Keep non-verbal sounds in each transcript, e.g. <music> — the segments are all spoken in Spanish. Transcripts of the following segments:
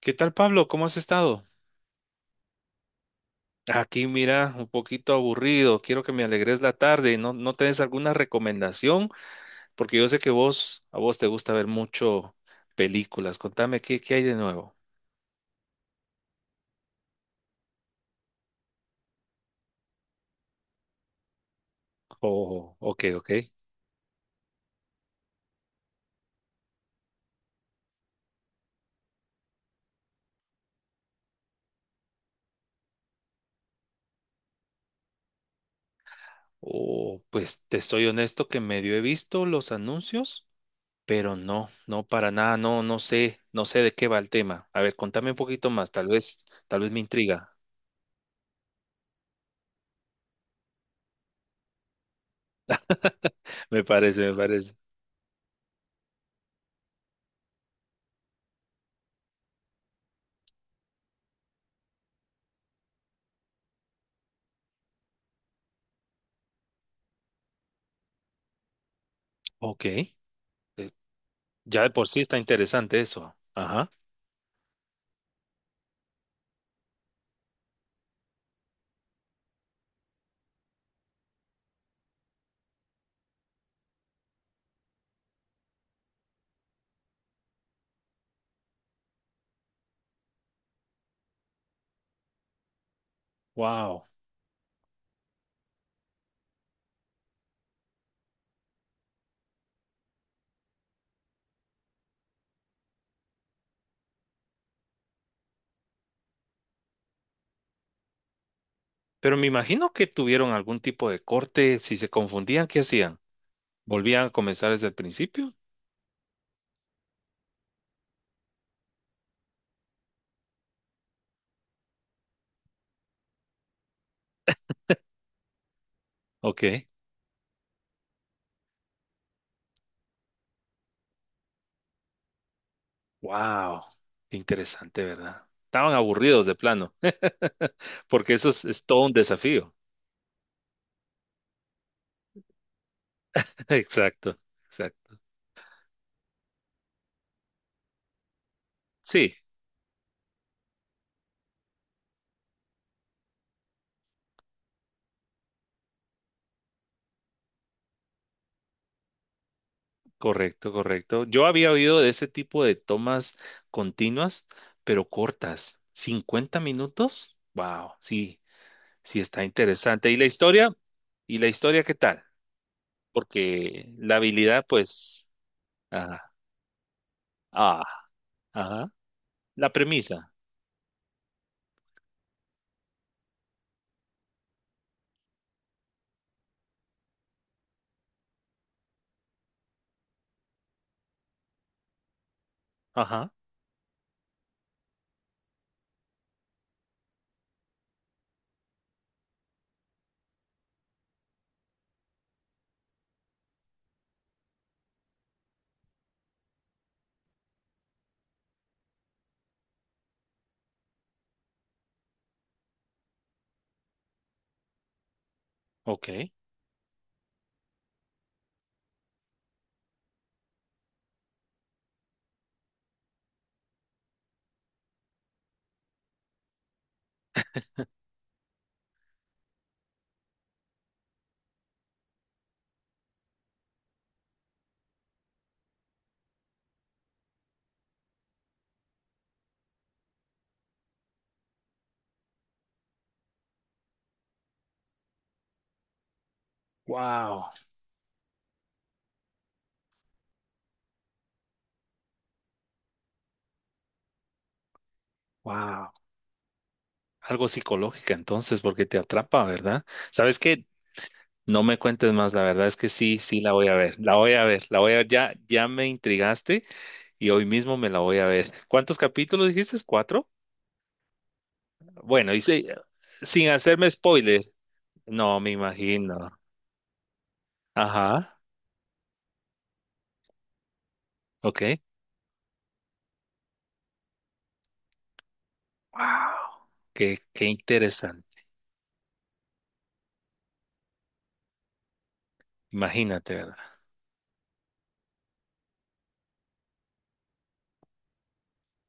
¿Qué tal, Pablo? ¿Cómo has estado? Aquí, mira, un poquito aburrido. Quiero que me alegres la tarde. ¿No tenés alguna recomendación? Porque yo sé que a vos te gusta ver mucho películas. Contame qué hay de nuevo. Oh, ok, ok. Oh, pues te soy honesto que medio he visto los anuncios, pero no, no para nada, no, no sé de qué va el tema. A ver, contame un poquito más, tal vez me intriga. <laughs> Me parece, me parece. Ok. Ya de por sí está interesante eso. Ajá. Wow. Pero me imagino que tuvieron algún tipo de corte. Si se confundían, ¿qué hacían? ¿Volvían a comenzar desde el principio? Ok. Wow. Interesante, ¿verdad? Estaban aburridos de plano, <laughs> porque eso es todo un desafío. <laughs> Exacto, exacto. Sí, correcto, correcto. Yo había oído de ese tipo de tomas continuas, pero cortas. ¿50 minutos? Wow, sí, sí está interesante. ¿Y la historia? ¿Y la historia qué tal? Porque la habilidad, pues... Ajá. Ah, ajá. La premisa. Ajá. Ok. Wow. Wow. Algo psicológica entonces, porque te atrapa, ¿verdad? ¿Sabes qué? No me cuentes más, la verdad es que sí, sí la voy a ver. La voy a ver, la voy a ver. Ya, ya me intrigaste y hoy mismo me la voy a ver. ¿Cuántos capítulos dijiste? ¿Cuatro? Bueno, hice sin hacerme spoiler. No, me imagino. Ajá. Ok. Wow. Qué, qué interesante. Imagínate, ¿verdad?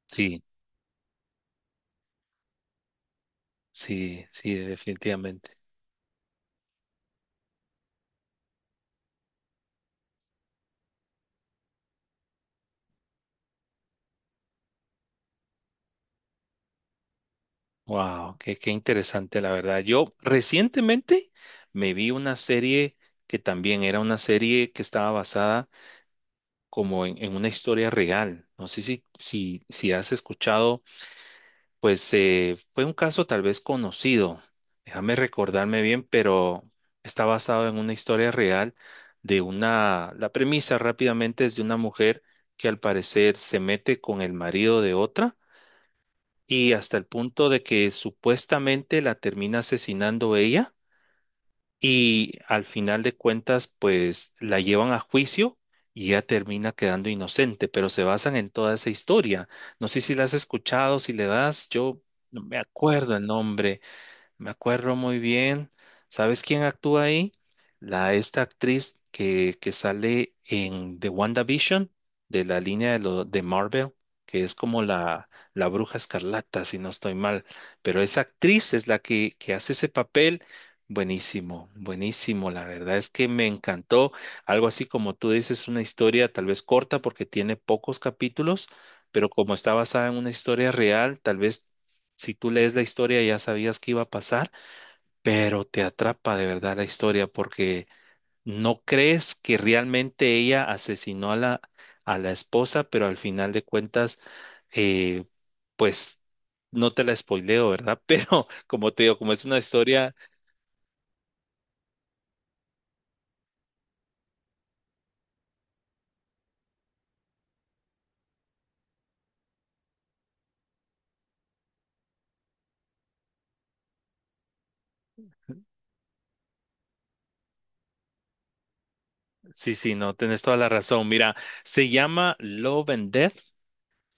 Sí. Sí, sí, definitivamente. Wow, qué, qué interesante, la verdad. Yo recientemente me vi una serie que también era una serie que estaba basada como en una historia real. No sé si has escuchado, pues fue un caso tal vez conocido. Déjame recordarme bien, pero está basado en una historia real de una, la premisa rápidamente es de una mujer que al parecer se mete con el marido de otra y hasta el punto de que supuestamente la termina asesinando ella y al final de cuentas pues la llevan a juicio y ella termina quedando inocente, pero se basan en toda esa historia. No sé si la has escuchado, si le das, yo no me acuerdo el nombre, me acuerdo muy bien. ¿Sabes quién actúa ahí? La esta actriz que sale en The WandaVision, de la línea de, lo, de Marvel, que es como la bruja escarlata, si no estoy mal. Pero esa actriz es la que hace ese papel. Buenísimo, buenísimo. La verdad es que me encantó. Algo así como tú dices, una historia tal vez corta porque tiene pocos capítulos, pero como está basada en una historia real, tal vez si tú lees la historia ya sabías que iba a pasar, pero te atrapa de verdad la historia porque no crees que realmente ella asesinó a la esposa, pero al final de cuentas, eh, pues no te la spoileo, ¿verdad? <laughs> Pero como te digo, como es una historia, sí, sí, no, tenés toda la razón. Mira, se llama Love and Death,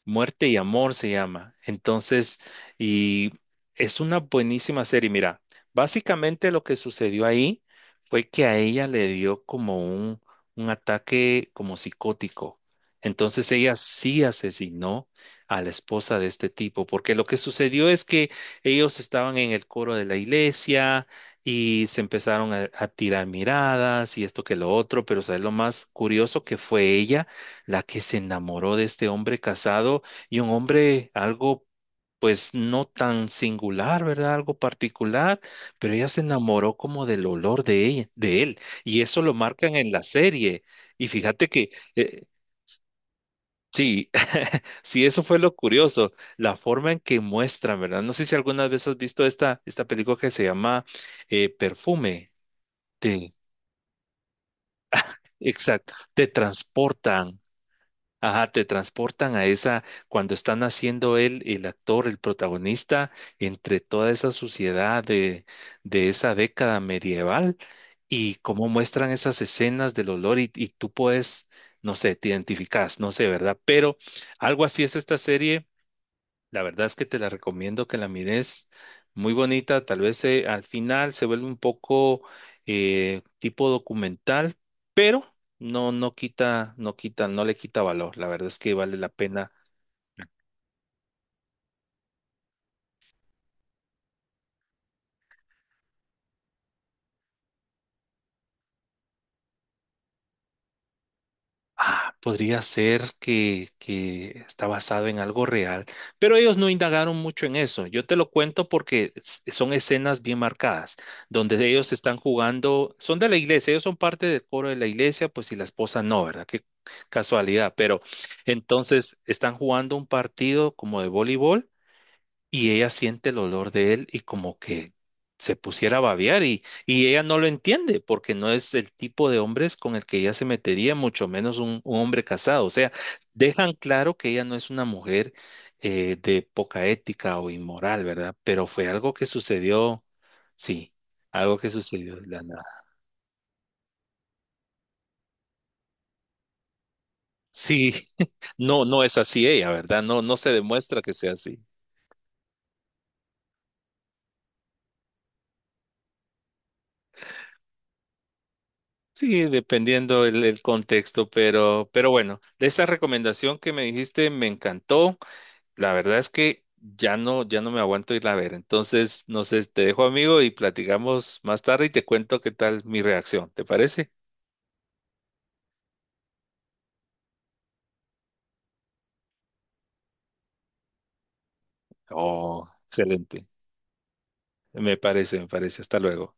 Muerte y Amor se llama. Entonces, y es una buenísima serie. Mira, básicamente lo que sucedió ahí fue que a ella le dio como un ataque como psicótico. Entonces ella sí asesinó a la esposa de este tipo, porque lo que sucedió es que ellos estaban en el coro de la iglesia y se empezaron a tirar miradas y esto que lo otro, pero ¿sabes lo más curioso que fue ella? La que se enamoró de este hombre casado y un hombre algo, pues no tan singular, ¿verdad? Algo particular, pero ella se enamoró como del olor de ella, de él, y eso lo marcan en la serie. Y fíjate que eh, sí, <laughs> sí, eso fue lo curioso, la forma en que muestran, ¿verdad? No sé si alguna vez has visto esta película que se llama Perfume. Te Exacto, te transportan. Ajá, te transportan a esa, cuando están haciendo él, el actor, el protagonista, entre toda esa suciedad de esa década medieval y cómo muestran esas escenas del olor y tú puedes, no sé, te identificas, no sé, ¿verdad? Pero algo así es esta serie, la verdad es que te la recomiendo que la mires. Muy bonita, tal vez al final se vuelve un poco tipo documental, pero no, no quita, no le quita valor. La verdad es que vale la pena. Ah, podría ser que está basado en algo real, pero ellos no indagaron mucho en eso. Yo te lo cuento porque son escenas bien marcadas, donde ellos están jugando, son de la iglesia, ellos son parte del coro de la iglesia, pues y la esposa no, ¿verdad? Qué casualidad, pero entonces están jugando un partido como de voleibol y ella siente el olor de él y como que se pusiera a babear y ella no lo entiende porque no es el tipo de hombres con el que ella se metería, mucho menos un hombre casado. O sea, dejan claro que ella no es una mujer de poca ética o inmoral, ¿verdad? Pero fue algo que sucedió, sí, algo que sucedió de la nada. Sí, <laughs> no, no es así ella, ¿verdad? No, no se demuestra que sea así. Sí, dependiendo el contexto, pero bueno, de esa recomendación que me dijiste me encantó. La verdad es que ya no, ya no me aguanto ir a ver. Entonces, no sé, te dejo amigo y platicamos más tarde y te cuento qué tal mi reacción. ¿Te parece? Oh, excelente. Me parece, me parece. Hasta luego.